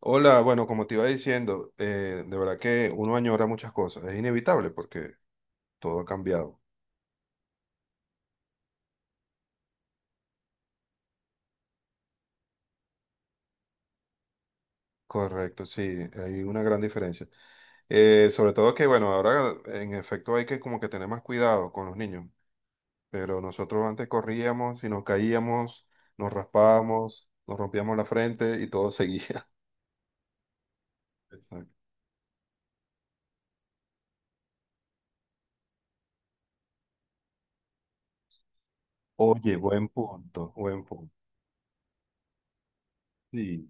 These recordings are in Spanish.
Hola, bueno, como te iba diciendo, de verdad que uno añora muchas cosas, es inevitable porque todo ha cambiado. Correcto, sí, hay una gran diferencia. Sobre todo que, bueno, ahora en efecto hay que como que tener más cuidado con los niños, pero nosotros antes corríamos y nos caíamos, nos raspábamos, nos rompíamos la frente y todo seguía. Exacto. Oye, buen punto, buen punto. Sí.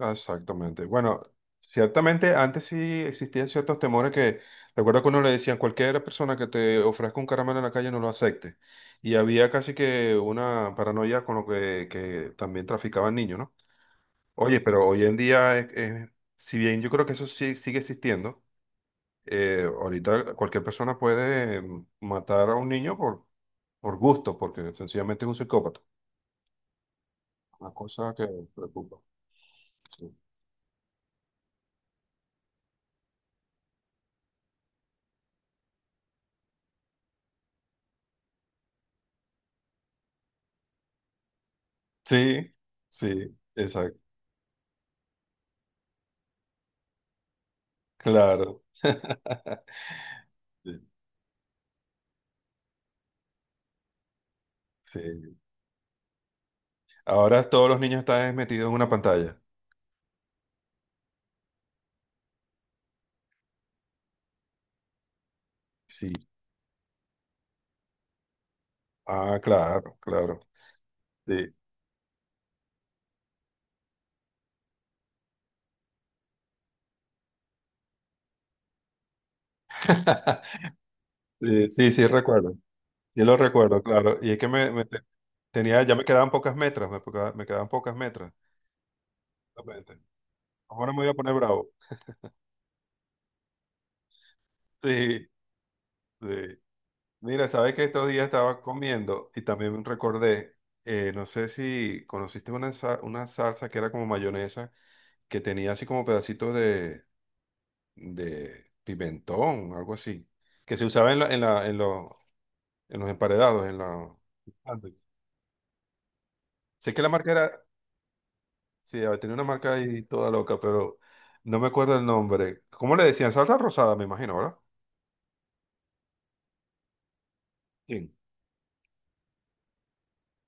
Exactamente. Bueno, ciertamente antes sí existían ciertos temores que, recuerdo que uno le decían, cualquier persona que te ofrezca un caramelo en la calle no lo acepte. Y había casi que una paranoia con lo que también traficaban niños, ¿no? Oye, pero hoy en día, si bien yo creo que eso sí, sigue existiendo, ahorita cualquier persona puede matar a un niño por gusto, porque sencillamente es un psicópata. Una cosa que preocupa. Sí, sí, sí, exacto. Claro. Sí, sí. Ahora todos los niños están metidos en una pantalla. Sí. Ah, claro, claro. Sí. Sí, sí, sí, recuerdo. Yo lo recuerdo, claro. Y es que tenía, ya me quedaban pocas metras, me quedaban pocas metras. Exactamente. Ahora me voy a poner bravo. Sí, sí. Mira, sabes que estos días estaba comiendo y también recordé, no sé si conociste una, una salsa que era como mayonesa, que tenía así como pedacitos de pimentón, algo así, que se usaba en, los, en los emparedados, en la... Sé que la marca era, sí, tenía una marca ahí toda loca, pero no me acuerdo el nombre. ¿Cómo le decían? Salsa rosada, me imagino, ¿verdad? Sí.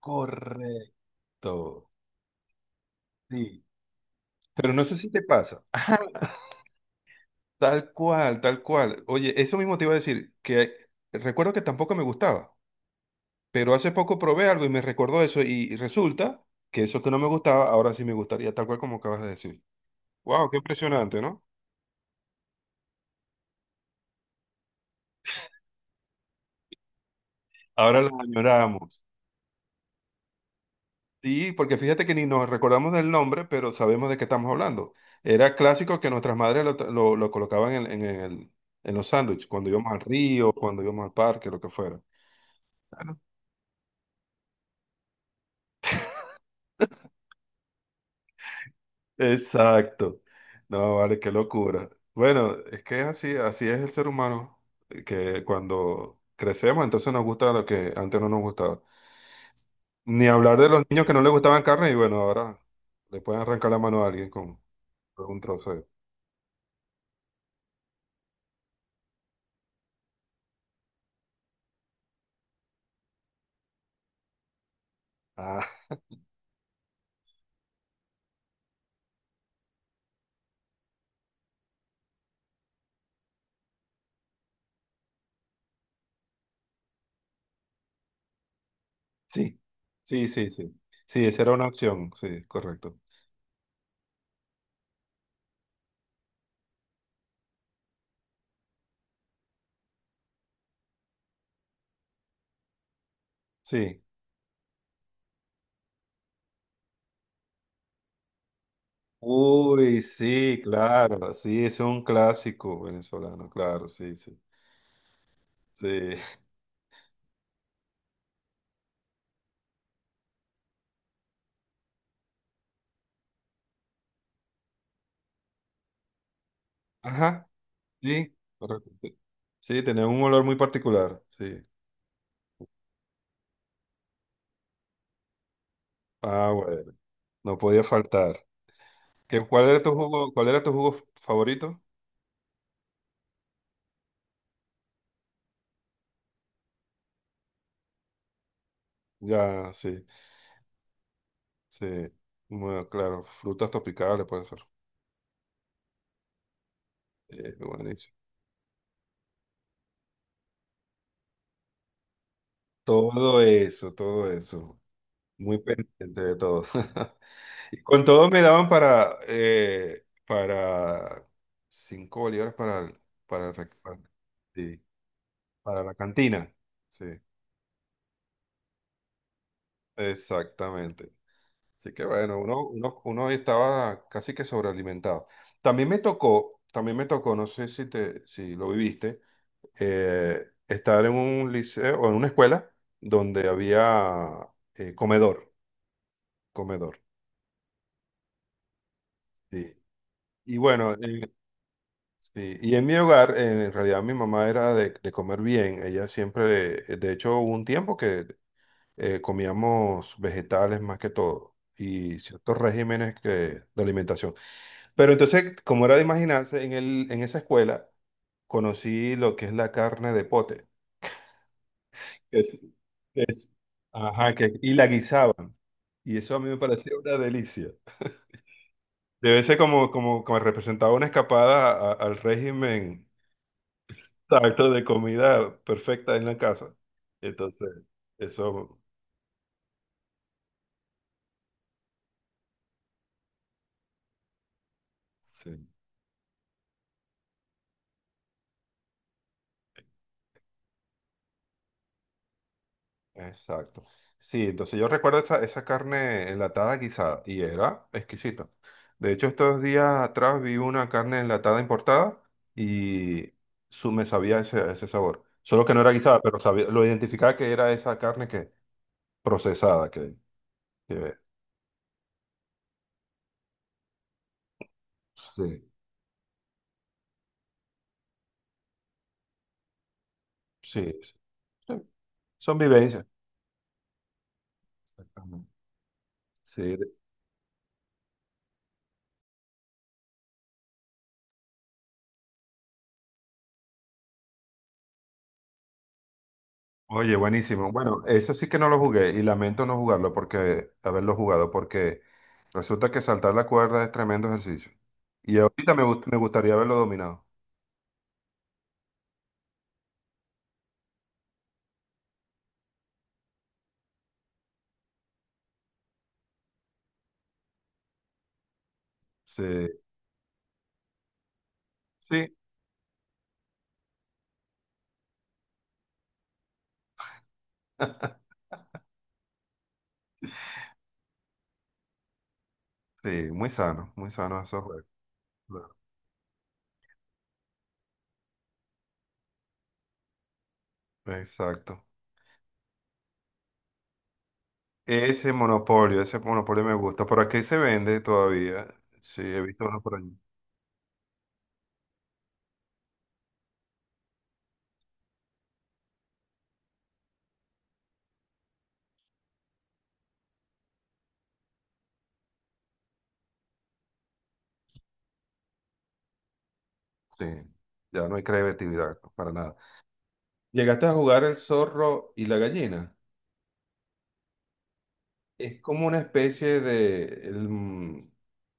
Correcto. Sí. Pero no sé si te pasa. Tal cual, tal cual. Oye, eso mismo te iba a decir, que recuerdo que tampoco me gustaba, pero hace poco probé algo y me recordó eso y resulta que eso que no me gustaba, ahora sí me gustaría, tal cual como acabas de decir. Wow, qué impresionante, ¿no? Ahora lo añoramos. Sí, porque fíjate que ni nos recordamos del nombre, pero sabemos de qué estamos hablando. Era clásico que nuestras madres lo, lo colocaban en, en los sándwiches, cuando íbamos al río, cuando íbamos al parque, lo que fuera. Claro. Exacto. No, vale, qué locura. Bueno, es que así, así es el ser humano, que cuando crecemos, entonces nos gusta lo que antes no nos gustaba. Ni hablar de los niños que no les gustaban carne y bueno, ahora le pueden arrancar la mano a alguien con... Es un trozo de... Ah, sí. Sí, sí, sí. Sí, esa era una opción. Sí, correcto. Sí. Uy, sí, claro. Sí, es un clásico venezolano, claro, sí, sí. Sí. Ajá, sí, correcto. Sí, sí, tenía un olor muy particular. Sí. Ah, bueno, no podía faltar. ¿Qué, cuál era tu jugo, cuál era tu jugo favorito? Ya, sí, sí. Bueno, claro, frutas tropicales puede ser. Buenísimo. Todo eso, todo eso. Muy pendiente de todo. Y con todo me daban para 5 bolívares para, para, para... sí, para la cantina. Sí, exactamente. Así que bueno, uno estaba casi que sobrealimentado. También me tocó, no sé si te, si lo viviste, estar en un liceo o en una escuela donde había comedor, comedor. Sí. Y bueno, en... Sí, y en mi hogar, en realidad mi mamá era de comer bien. Ella siempre, de hecho, hubo un tiempo que comíamos vegetales más que todo y ciertos regímenes que, de alimentación. Pero entonces, como era de imaginarse, en esa escuela conocí lo que es la carne de pote. que es- que es- ajá, que, y la guisaban. Y eso a mí me parecía una delicia. Debe ser como, como, como representaba una escapada a... al régimen. Exacto, de comida perfecta en la casa. Entonces, eso, sí, exacto. Sí, entonces yo recuerdo esa, esa carne enlatada guisada y era exquisita. De hecho, estos días atrás vi una carne enlatada importada y su, me sabía ese, ese sabor. Solo que no era guisada, pero sabía, lo identificaba que era esa carne que procesada que, que- sí, sí, sí. Sí, son vivencias. Exactamente. Sí. Oye, buenísimo. Bueno, eso sí que no lo jugué y lamento no jugarlo porque haberlo jugado porque resulta que saltar la cuerda es tremendo ejercicio. Y ahorita me gustaría haberlo dominado. Sí, sí, sí, muy sano esos juegos. Claro. Exacto. Ese monopolio me gusta. Por aquí se vende todavía. Sí, he visto uno por allí. Sí, ya no hay creatividad para nada. ¿Llegaste a jugar el zorro y la gallina? Es como una especie de... el, mm,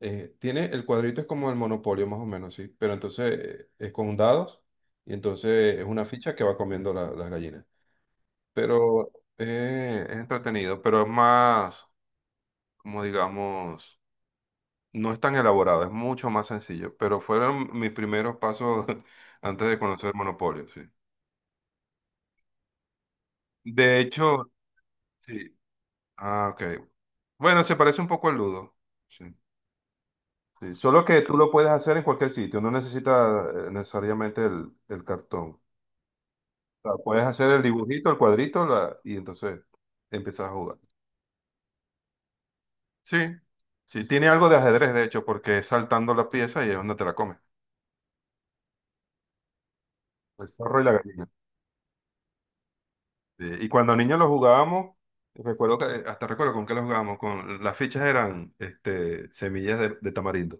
eh, tiene, el cuadrito es como el monopolio más o menos, ¿sí? Pero entonces es con dados y entonces es una ficha que va comiendo las gallinas. Pero es entretenido, pero es más, como digamos, no es tan elaborado, es mucho más sencillo. Pero fueron mis primeros pasos antes de conocer monopolio, sí. De hecho, sí. Ah, ok. Bueno, se parece un poco al Ludo. Sí. Sí, solo que tú lo puedes hacer en cualquier sitio, no necesitas necesariamente el cartón. O sea, puedes hacer el dibujito, el cuadrito, y entonces empiezas a jugar. Sí, sí, tiene algo de ajedrez, de hecho, porque es saltando la pieza y es donde te la comes. El zorro y la gallina. Sí, y cuando niños lo jugábamos, recuerdo que, hasta recuerdo con qué lo jugábamos, con las fichas eran este, semillas de tamarindo.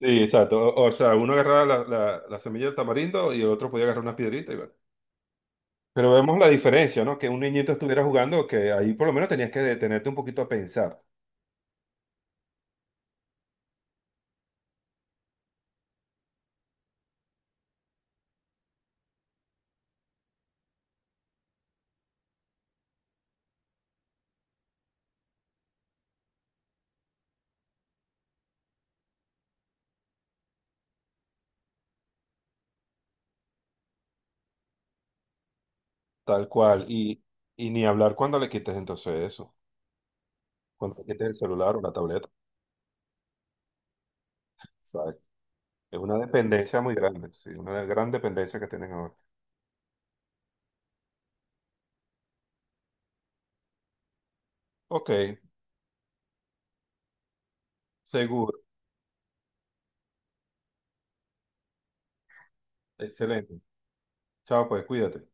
Sí, exacto. O sea, uno agarraba la, la, la semilla del tamarindo y el otro podía agarrar una piedrita y bueno. Pero vemos la diferencia, ¿no? Que un niñito estuviera jugando, que ahí por lo menos tenías que detenerte un poquito a pensar, tal cual, y ni hablar cuando le quites entonces eso, cuando le quites el celular o la tableta, ¿sabes? Es una dependencia muy grande, sí, una gran dependencia que tienen ahora. Ok, seguro, excelente. Chao, pues cuídate.